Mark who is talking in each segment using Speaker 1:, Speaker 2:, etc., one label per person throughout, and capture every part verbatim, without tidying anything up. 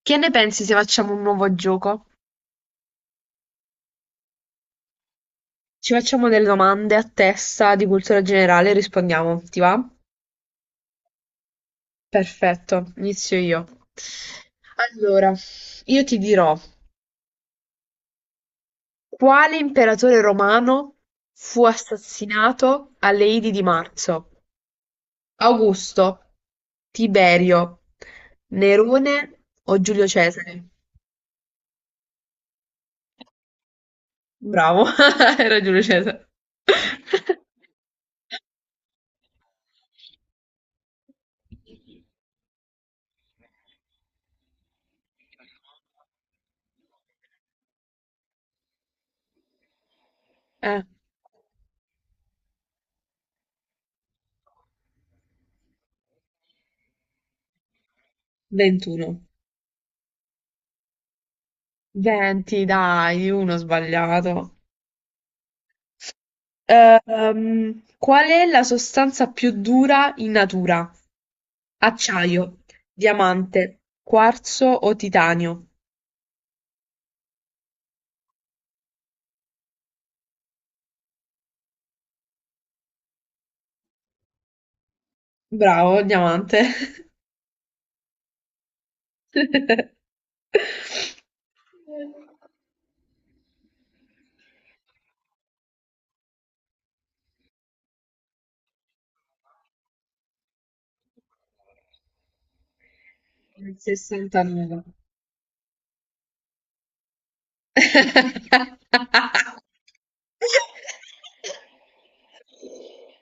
Speaker 1: Che ne pensi se facciamo un nuovo gioco? Ci facciamo delle domande a testa di cultura generale e rispondiamo, ti va? Perfetto, inizio io. Allora, io ti dirò, quale imperatore romano fu assassinato alle Idi di marzo? Augusto, Tiberio, Nerone o Giulio Cesare? Bravo, era Giulio Cesare. Eh, ventuno. venti, dai, uno sbagliato. Ehm, qual è la sostanza più dura in natura? Acciaio, diamante, quarzo o titanio? Bravo, diamante. Il sessantanove.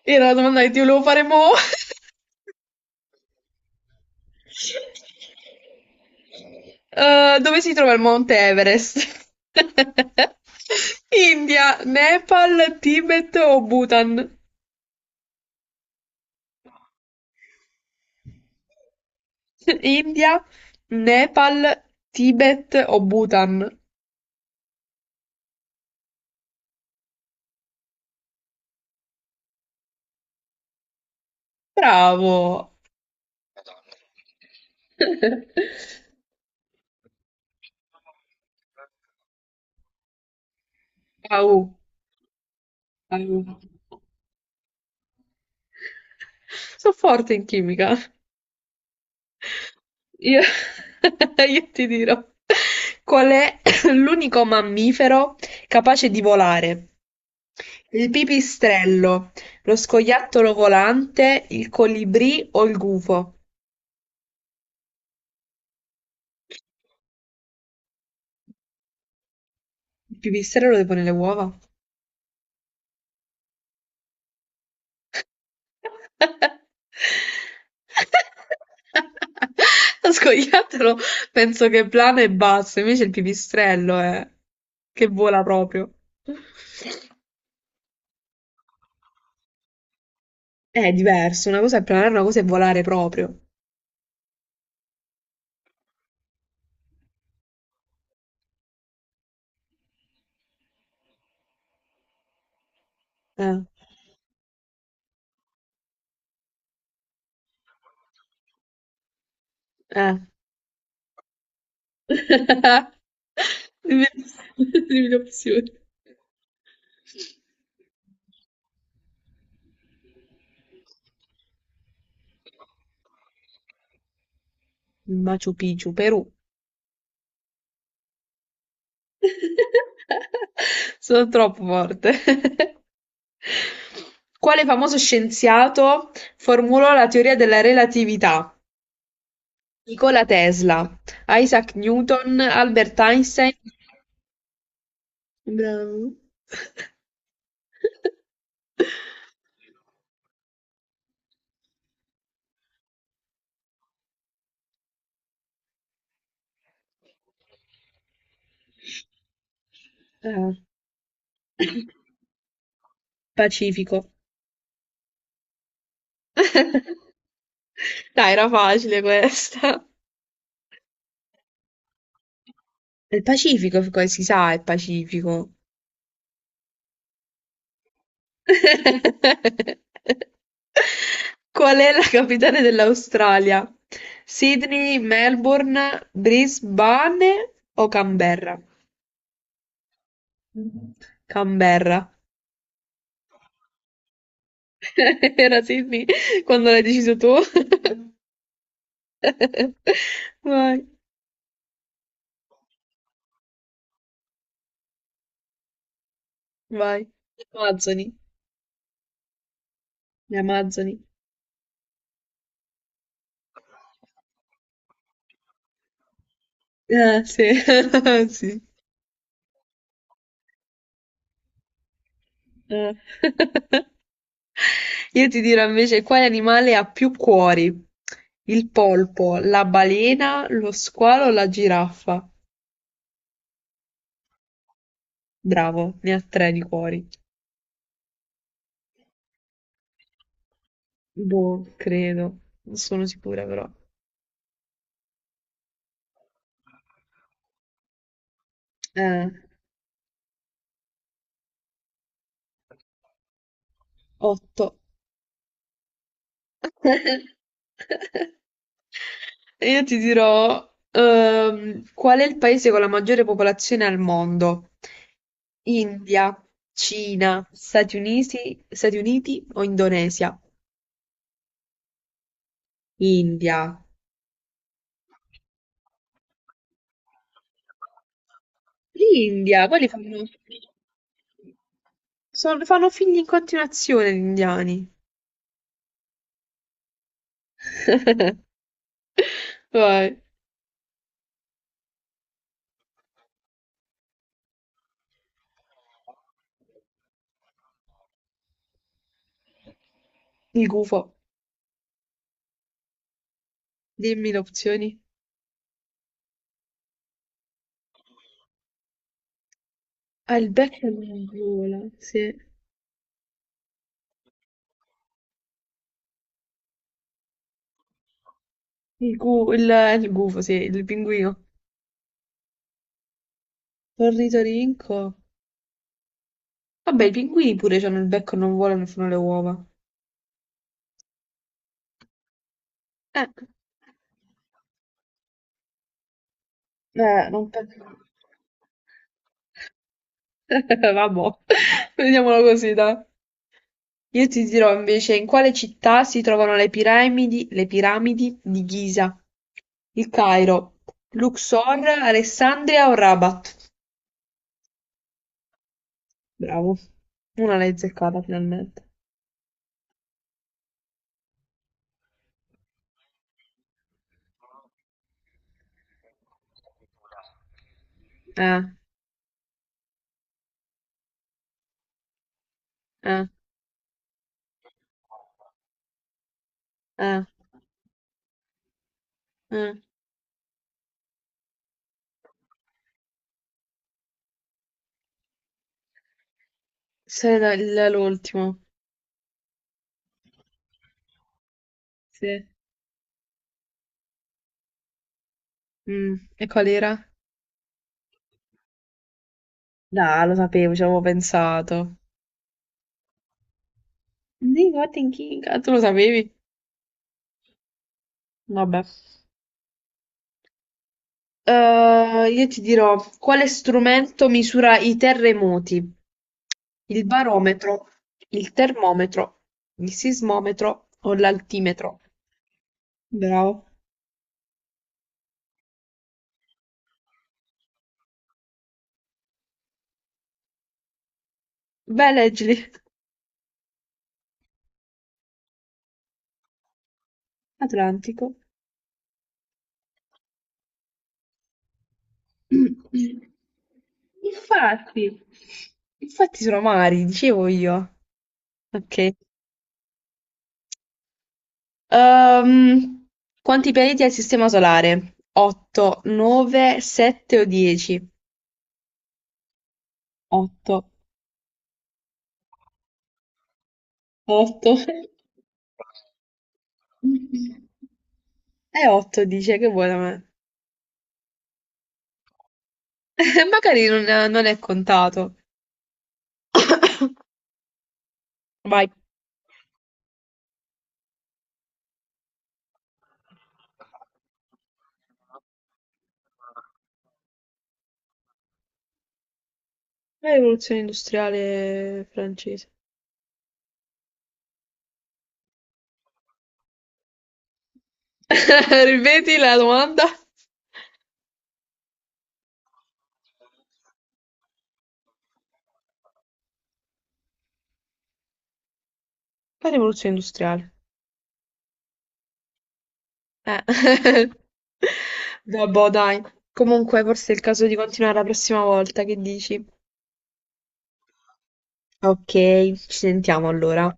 Speaker 1: Era la domanda che ti volevo fare mo'. Eh, dove si trova il Monte Everest? India, Nepal, Tibet o Bhutan? India, Nepal, Tibet o Bhutan? Bravo! Au, au. Sono forte in chimica. Io, io ti dirò qual è l'unico mammifero capace di volare. Il pipistrello, lo scoiattolo volante, il colibrì o il gufo? Il pipistrello deve pone le uova. Lo scoiattolo penso che plana e basta, invece il pipistrello è che vola proprio. È diverso, una cosa è planare, una cosa è volare proprio. Eh, eh. Dimmi l'opzione. Machu Picchu, Perù. Sono troppo forte. Quale famoso scienziato formulò la teoria della relatività? Nikola Tesla, Isaac Newton, Albert Einstein. Bravo. Ah. Pacifico. Dai, era facile questa. È Il Pacifico, come si sa, è il Pacifico. Qual è la capitale dell'Australia? Sydney, Melbourne, Brisbane o Canberra? Canberra. Era Sydney quando l'hai deciso tu. Vai. Vai. Le Amazzoni, le Amazzoni. Eh, sì. Sì. Eh. Io ti dirò invece quale animale ha più cuori? Il polpo, la balena, lo squalo o la giraffa? Bravo, ne ha tre di cuori. Boh, credo. Non sono sicura però. Eh, otto. Io ti dirò, ehm, qual è il paese con la maggiore popolazione al mondo? India, Cina, Stati Uniti, Stati Uniti o Indonesia? India. L'India, quelli fanno... sono- fanno figli in continuazione gli indiani. Vai. Il gufo. Dimmi le opzioni. Ah, il becco è gola, sì. Il, gu- il- il gufo, sì, il pinguino. Ornitorinco. Vabbè, i pinguini pure hanno il becco, e non volano e fanno le uova. Eh, eh, non penso. Vabbè, vediamolo così, dai. Io ti dirò invece in quale città si trovano le piramidi, le piramidi di Giza. Il Cairo, Luxor, Alessandria o Rabat? Bravo. Una l'hai azzeccata finalmente. Eh, eh, eh, eh. Sei la- il- l'ultimo. Sì. Mm, e qual era? No, lo sapevo, ci avevo pensato. Sì, Martin King. Ah, tu lo sapevi? Vabbè. Eh, io ti dirò, quale strumento misura i terremoti? Il barometro, il termometro, il sismometro o l'altimetro? Bravo. Beh, leggili. Atlantico. Infatti, infatti sono mari, dicevo io. Ok. Ehm, Quanti pianeti ha il Sistema Solare? otto, nove, sette o dieci? otto. Otto. Mm-mm. È otto, dice, che buona me. Magari non, non è contato. Vai. La rivoluzione industriale francese. Ripeti la domanda? La rivoluzione industriale. Eh. Vabbè, dai. Comunque, forse è il caso di continuare la prossima volta, che dici? Ok, ci sentiamo allora.